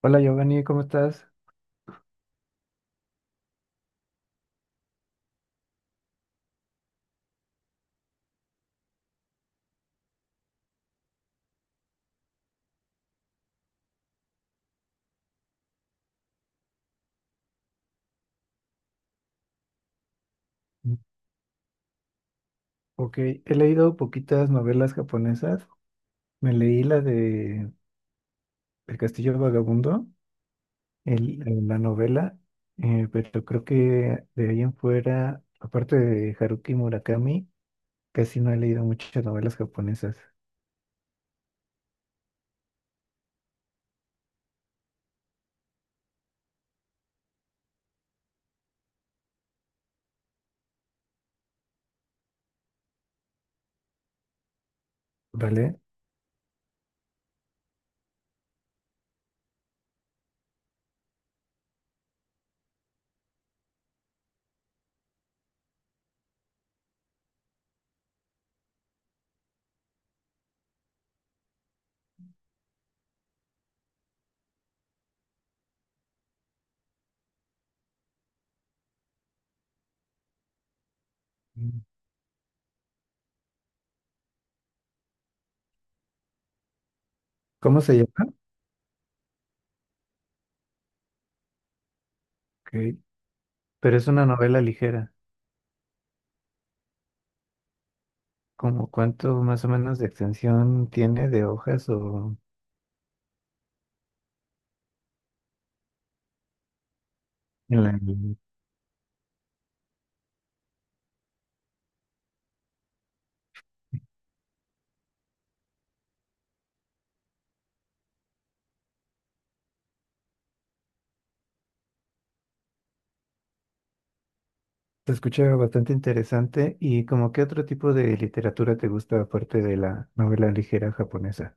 Hola Giovanni, ¿cómo estás? Mm. Ok, he leído poquitas novelas japonesas. Me leí la de El Castillo Vagabundo en la novela, pero creo que de ahí en fuera, aparte de Haruki Murakami, casi no he leído muchas novelas japonesas, ¿vale? Mm. ¿Cómo se llama? Ok. Pero es una novela ligera, ¿como cuánto más o menos de extensión tiene de hojas o... en la- Se escucha bastante interesante y como qué otro tipo de literatura te gusta aparte de la novela ligera japonesa.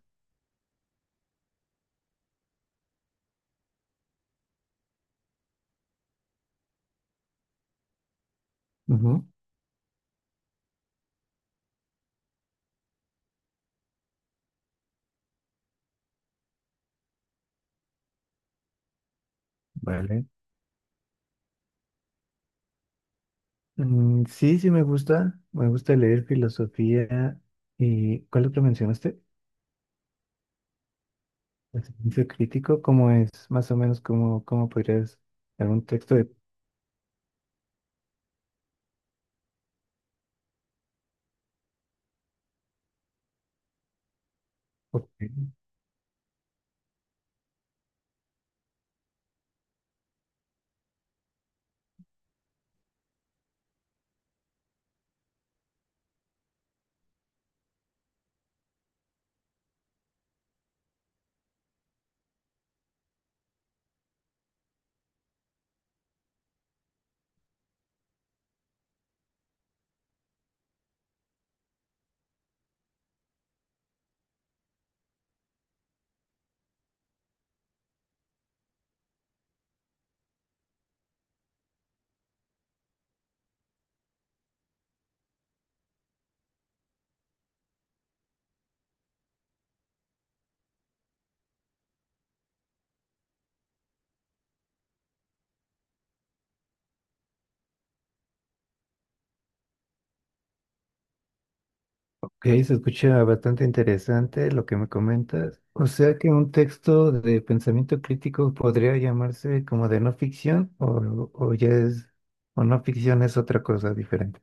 Ujú. Vale. Mm, sí, sí me gusta. Me gusta leer filosofía. ¿Y cuál otro mencionaste? El Silencio crítico, ¿cómo es? Más o menos, ¿cómo, cómo podrías dar un texto de... Ok, ok, se escucha bastante interesante lo que me comentas. O sea que un texto de pensamiento crítico podría llamarse como de no ficción o ya es... o no ficción es otra cosa diferente.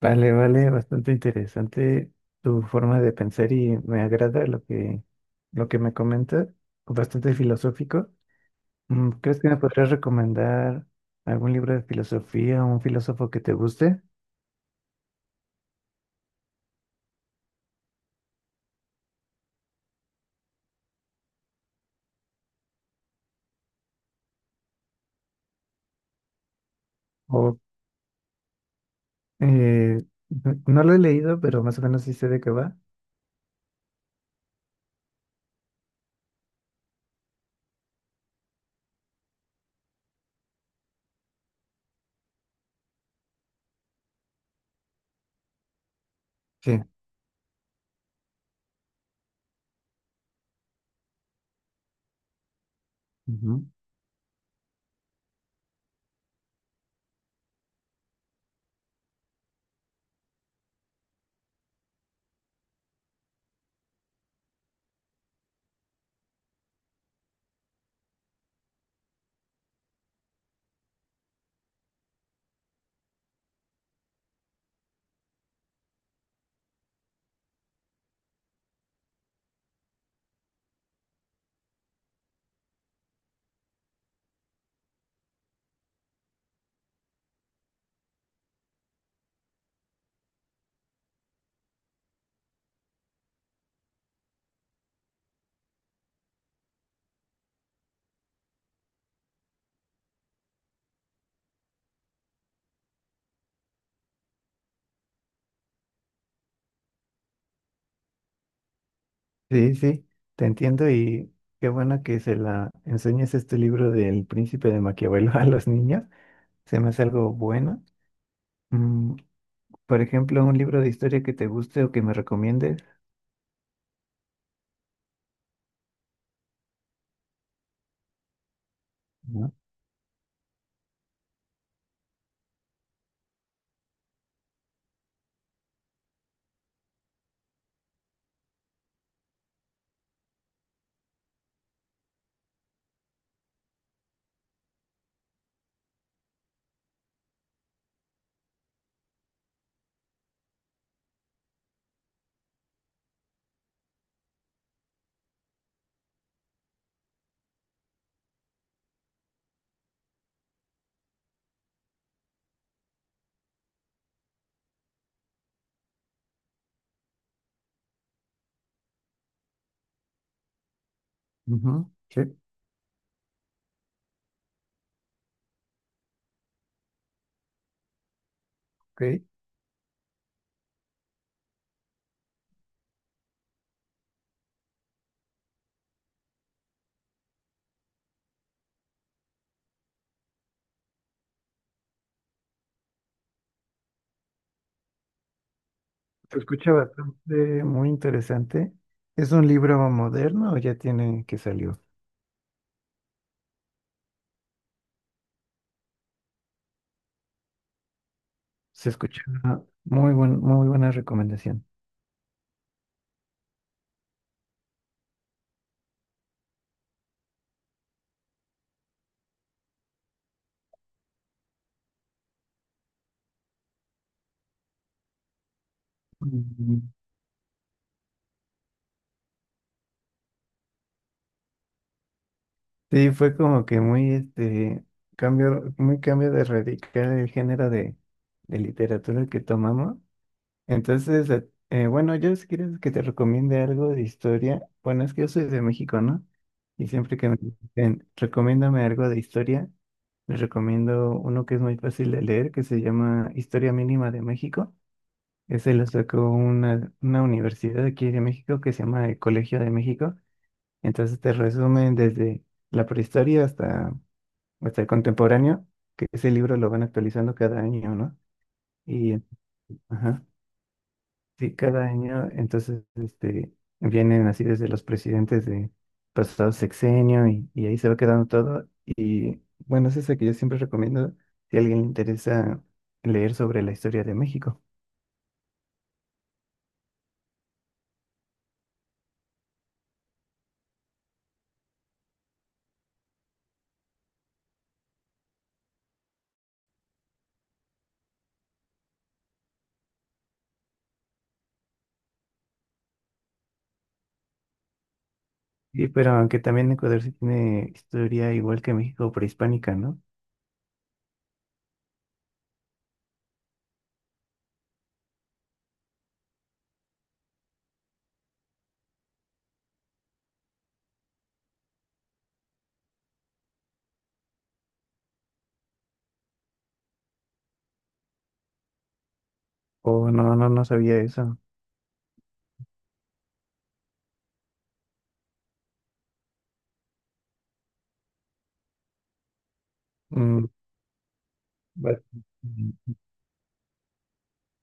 Vale, vale, bastante interesante tu forma de pensar y me agrada lo que me comentas, bastante filosófico. Mm, ¿crees que me podrías recomendar algún libro de filosofía o un filósofo que te guste? O eh, no lo he leído, pero más o menos sí sé de qué va. Sí, ujú. Sí, sí, te entiendo y qué bueno que se la enseñes este libro del Príncipe de Maquiavelo a los niños. Se me hace algo bueno. Mm, por ejemplo, un libro de historia que te guste o que me recomiendes. Ujú. Ujú. Sí, ok. Se escucha bastante, muy interesante. ¿Es un libro moderno o ya tiene que salió? Se escucha una muy buen, muy buena recomendación. Mm, sí, fue como que muy este cambio, muy cambio de radical el género de literatura que tomamos. Entonces, bueno, yo si quieres que te recomiende algo de historia, bueno, es que yo soy de México, ¿no? Y siempre que me dicen, recomiéndame algo de historia, les recomiendo uno que es muy fácil de leer, que se llama Historia Mínima de México. Ese lo sacó una universidad aquí de México que se llama el Colegio de México. Entonces te resumen desde la prehistoria hasta, hasta el contemporáneo, que ese libro lo van actualizando cada año, ¿no? Y, ajá. Sí, cada año, entonces, este, vienen así desde los presidentes de pasado sexenio y ahí se va quedando todo. Y bueno, es esa que yo siempre recomiendo si a alguien le interesa leer sobre la historia de México. Sí, pero aunque también Ecuador sí tiene historia igual que México prehispánica, ¿no? O no, no, no sabía eso. Mm, bueno, mm,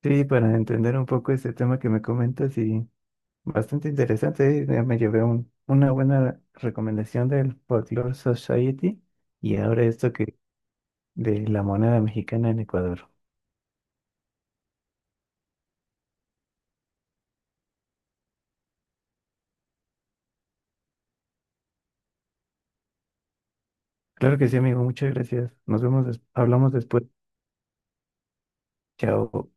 sí, para entender un poco este tema que me comentas y bastante interesante, ya me llevé una buena recomendación del Folklore Society y ahora esto que de la moneda mexicana en Ecuador. Claro que sí, amigo, muchas gracias. Nos vemos, hablamos después. Chao.